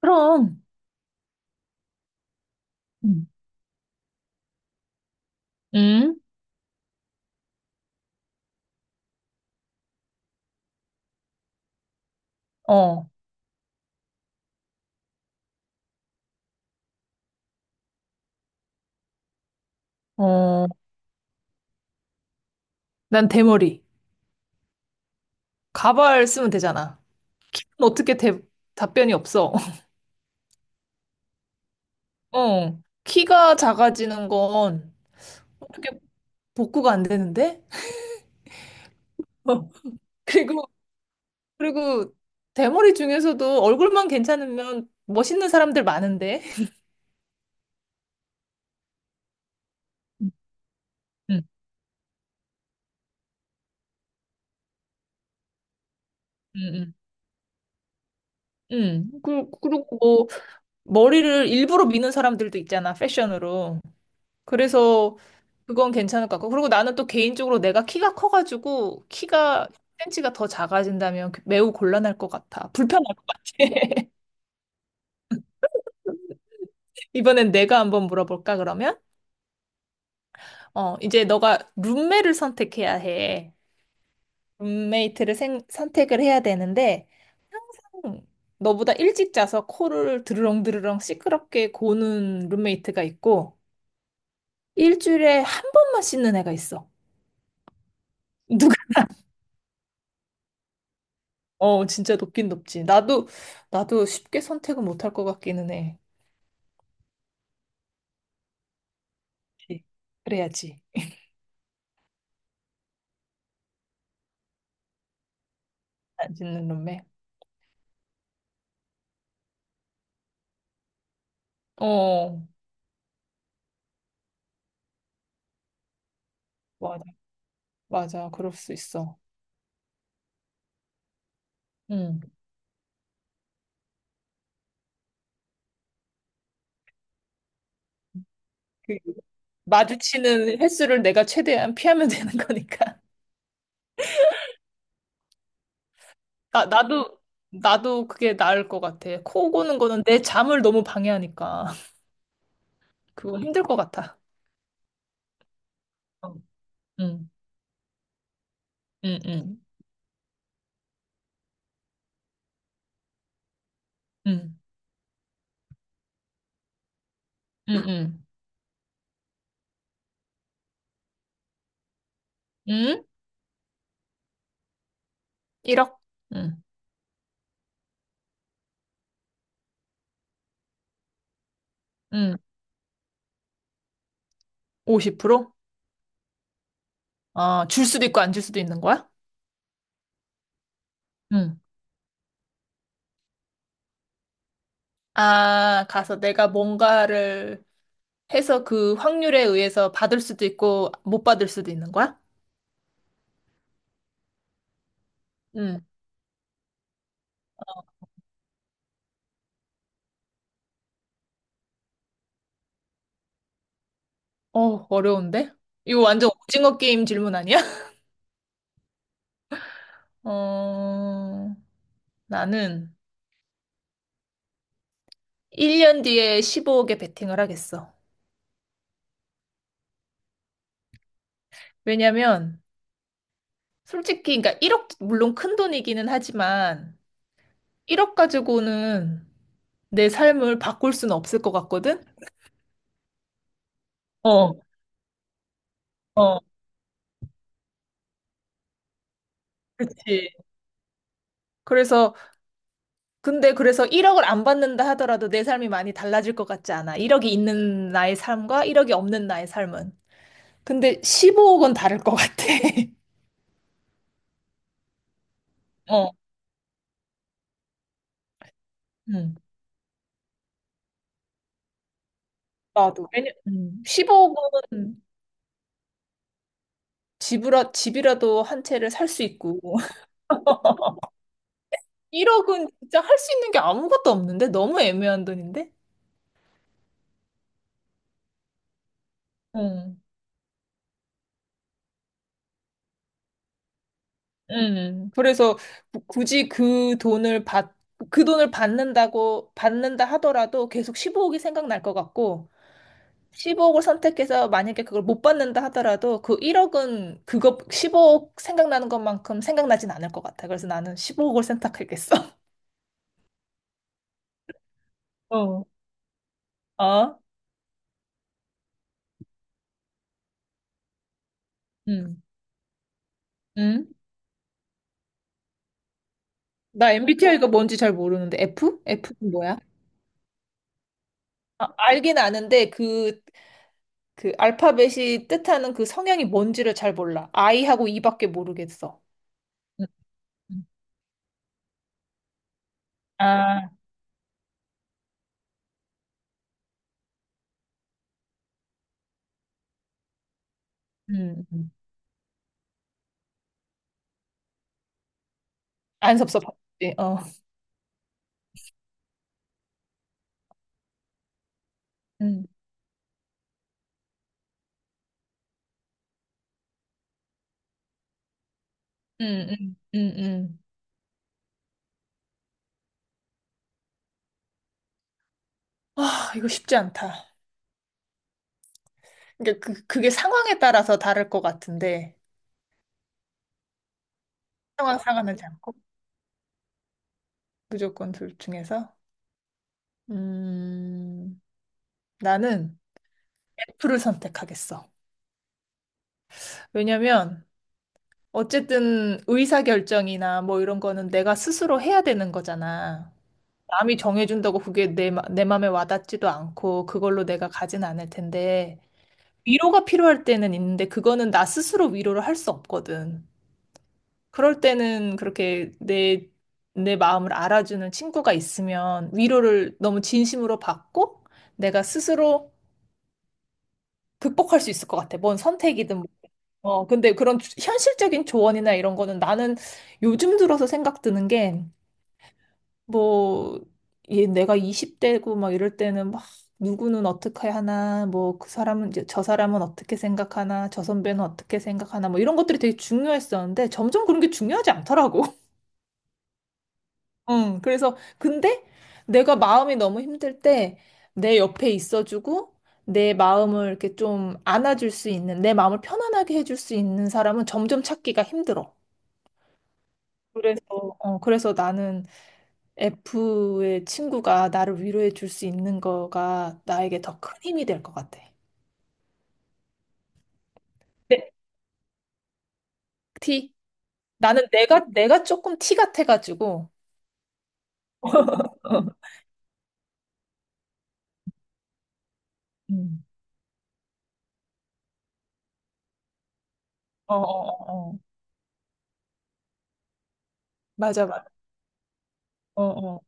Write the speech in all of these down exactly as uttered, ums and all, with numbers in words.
그럼, 음, 응? 어, 어, 난 대머리. 가발 쓰면 되잖아. 어떻게 대, 답변이 없어. 어, 키가 작아지는 건 어떻게 복구가 안 되는데? 어, 그리고, 그리고 대머리 중에서도 얼굴만 괜찮으면 멋있는 사람들 많은데? 음, 음, 응. 그, 그리고 뭐, 머리를 일부러 미는 사람들도 있잖아, 패션으로. 그래서 그건 괜찮을 것 같고. 그리고 나는 또 개인적으로 내가 키가 커가지고 키가 센치가더 작아진다면 그 매우 곤란할 것 같아. 불편할 것 같아. 이번엔 내가 한번 물어볼까, 그러면? 어, 이제 너가 룸메를 선택해야 해. 룸메이트를 생- 선택을 해야 되는데, 음, 너보다 일찍 자서 코를 드르렁드르렁 시끄럽게 고는 룸메이트가 있고, 일주일에 한 번만 씻는 애가 있어. 어, 진짜 높긴 높지. 나도, 나도 쉽게 선택은 못할 것 같기는 해. 그치. 그래야지. 안 짓는 놈매. 어, 맞아. 맞아. 그럴 수 있어. 응. 그, 마주치는 횟수를 내가 최대한 피하면 되는 거니까. 나, 나도, 나도 그게 나을 것 같아. 코 고는 거는 내 잠을 너무 방해하니까. 그거 힘들 것 같아. 어. 응, 응, 응, 응, 응, 응. 응? 일억? 응, 응. 오십 퍼센트? 아, 줄 수도 있고 안 줄 수도 있는 거야? 응. 아, 가서 내가 뭔가를 해서 그 확률에 의해서 받을 수도 있고 못 받을 수도 있는 거야? 응. 어, 어려운데? 이거 완전 오징어 게임 질문 아니야? 어, 나는 일 년 뒤에 십오억에 베팅을 하겠어. 왜냐면, 솔직히, 그러니까 일억, 물론 큰 돈이기는 하지만, 일억 가지고는 내 삶을 바꿀 수는 없을 것 같거든? 어, 어, 그치. 그래서 근데 그래서 일억을 안 받는다 하더라도 내 삶이 많이 달라질 것 같지 않아. 일억이 있는 나의 삶과 일억이 없는 나의 삶은. 근데 십오억은 다를 것 같아. 어. 음. 나도. 왜냐, 음. 십오억은 집이라, 집이라도 한 채를 살 수 있고. 일억은 진짜 할 수 있는 게 아무것도 없는데? 너무 애매한 돈인데? 응. 응. 그래서 구- 굳이 그 돈을 받, 그 돈을 받는다고, 받는다 하더라도 계속 십오억이 생각날 것 같고, 십오억을 선택해서 만약에 그걸 못 받는다 하더라도 그 일억은 그거 십오억 생각나는 것만큼 생각나진 않을 것 같아. 그래서 나는 십오억을 선택하겠어. 어. 어? 음. 음. 나 엠비티아이가 뭔지 잘 모르는데 F? F는 뭐야? 아, 알긴 아는데 그, 그 알파벳이 뜻하는 그 성향이 뭔지를 잘 몰라. I하고 E밖에 모르겠어. 음, 음. 아, 음, 음. 안 섭섭하지. 어. 음, 음, 음, 음, 음. 아, 이거 쉽지 않다. 그러니까 그, 그게 상황에 따라서 다를 것 같은데, 상황 상하지 않고, 무조건 둘 중에서. 음, 나는 F를 선택하겠어. 왜냐면, 어쨌든 의사결정이나 뭐 이런 거는 내가 스스로 해야 되는 거잖아. 남이 정해준다고 그게 내, 마- 내 마음에 와닿지도 않고, 그걸로 내가 가진 않을 텐데, 위로가 필요할 때는 있는데, 그거는 나 스스로 위로를 할 수 없거든. 그럴 때는 그렇게 내, 내 마음을 알아주는 친구가 있으면 위로를 너무 진심으로 받고 내가 스스로 극복할 수 있을 것 같아. 뭔 선택이든. 뭐. 어, 근데 그런 주- 현실적인 조언이나 이런 거는 나는 요즘 들어서 생각 드는 게 뭐, 얘 내가 이십 대고 막 이럴 때는 막 누구는 어떻게 하나, 뭐 그 사람은 이제 저 사람은 어떻게 생각하나, 저 선배는 어떻게 생각하나, 뭐 이런 것들이 되게 중요했었는데 점점 그런 게 중요하지 않더라고. 응, 그래서, 근데 내가 마음이 너무 힘들 때 내 옆에 있어주고 내 마음을 이렇게 좀 안아줄 수 있는, 내 마음을 편안하게 해줄 수 있는 사람은 점점 찾기가 힘들어. 그래서, 어, 그래서 나는 F의 친구가 나를 위로해 줄 수 있는 거가 나에게 더 큰 힘이 될 것 같아. 네, T. 나는 내가, 내가 조금 T 같아가지고. 어, 음. 어, 어, 어. 어. 맞아, 맞아. 어, 어,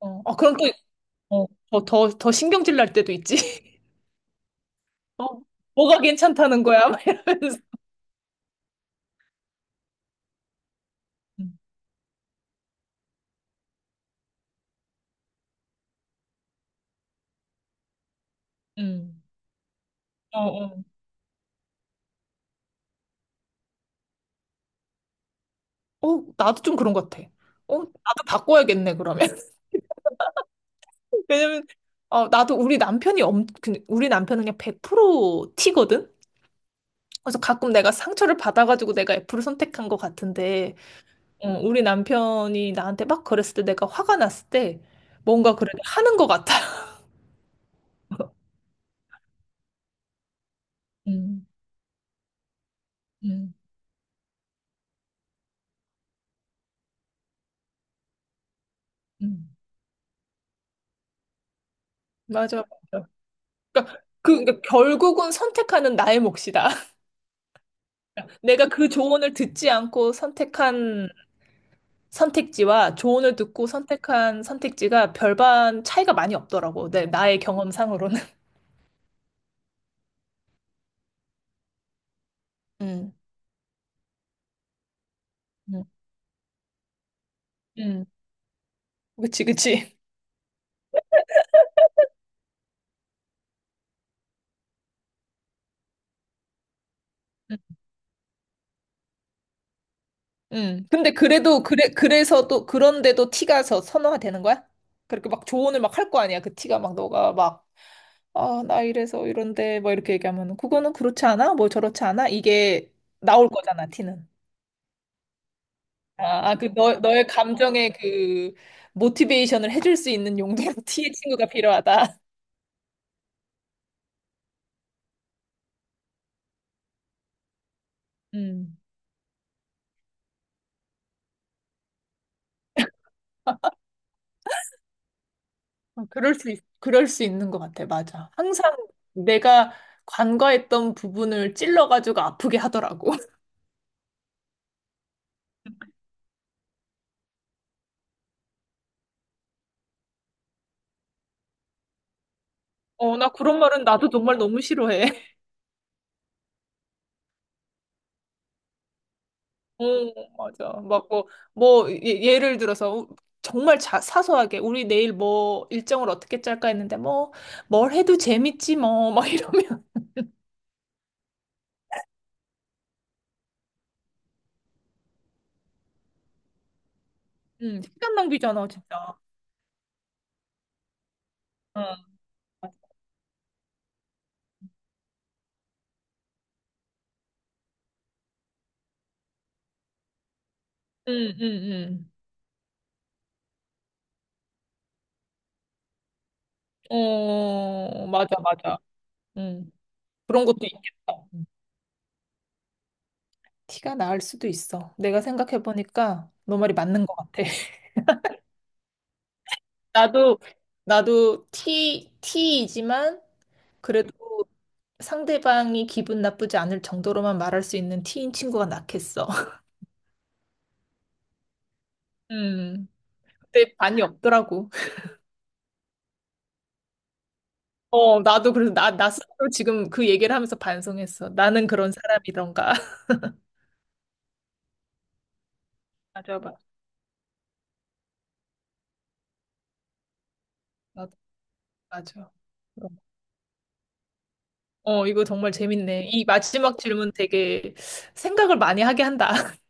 어. 어, 그럼 또, 어, 더, 더, 더 신경질 날 때도 있지. 어, 뭐가 괜찮다는 거야? 막 이러면서. 음, 음. 어, 어. 어, 나도 좀 그런 것 같아. 어, 나도 바꿔야겠네, 그러면. 왜냐면, 어, 나도 우리 남편이 엄, 그- 우리 남편은 그냥 백 퍼센트 티거든. 그래서 가끔 내가 상처를 받아가지고 내가 F를 선택한 것 같은데, 어, 우리 남편이 나한테 막 그랬을 때 내가 화가 났을 때 뭔가 그래도 하는 것 같아. 음, 음, 음. 맞아, 맞아. 그러니까, 그, 그러니까 결국은 선택하는 나의 몫이다. 내가 그 조언을 듣지 않고 선택한 선택지와 조언을 듣고 선택한 선택지가 별반 차이가 많이 없더라고. 내, 나의 경험상으로는. 음, 음, 음. 그치, 그치. 음. 음. 근데 그래도, 그래, 그래서 또, 그런데도 티가 서 선호가 되는 거야? 그렇게 막 조언을 막 할 거 아니야. 그 티가 막 너가 막, 아, 나 이래서 이런데, 막 이렇게 얘기하면, 그거는 그렇지 않아? 뭐 저렇지 않아? 이게 나올 거잖아, 티는. 아, 아, 그 너, 너의 감정의 그 모티베이션을 해줄 수 있는 용도로 T의 친구가 필요하다. 음. 어, 그럴 수, 있, 그럴 수 있는 것 같아. 맞아. 항상 내가 간과했던 부분을 찔러가지고 아프게 하더라고. 어, 나 그런 말은 나도 정말 너무 싫어해. 어, 맞아. 막 뭐, 뭐, 예- 예를 들어서 정말 자, 사소하게 우리 내일 뭐 일정을 어떻게 짤까 했는데 뭐, 뭘 해도 재밌지 뭐, 막 이러면. 음, 시간 낭비잖아, 진짜. 어. 응, 응, 응. 어, 맞아, 맞아. 응. 그런 것도 있겠다. 티가 나을 수도 있어. 내가 생각해보니까 너 말이 맞는 것 같아. 나도, 나도 티, 티이지만 그래도 상대방이 기분 나쁘지 않을 정도로만 말할 수 있는 티인 친구가 낫겠어. 음. 근데 반이 없더라고. 어, 나도 그래서 나, 나 스스로 지금 그 얘기를 하면서 반성했어. 나는 그런 사람이던가. 맞아, 맞아. 나도, 맞아. 어, 이거 정말 재밌네. 이 마지막 질문 되게 생각을 많이 하게 한다.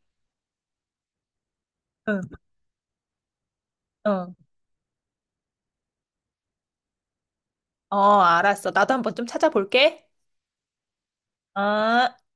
응, 응. 어, 알았어. 나도 한번 좀 찾아볼게. 어.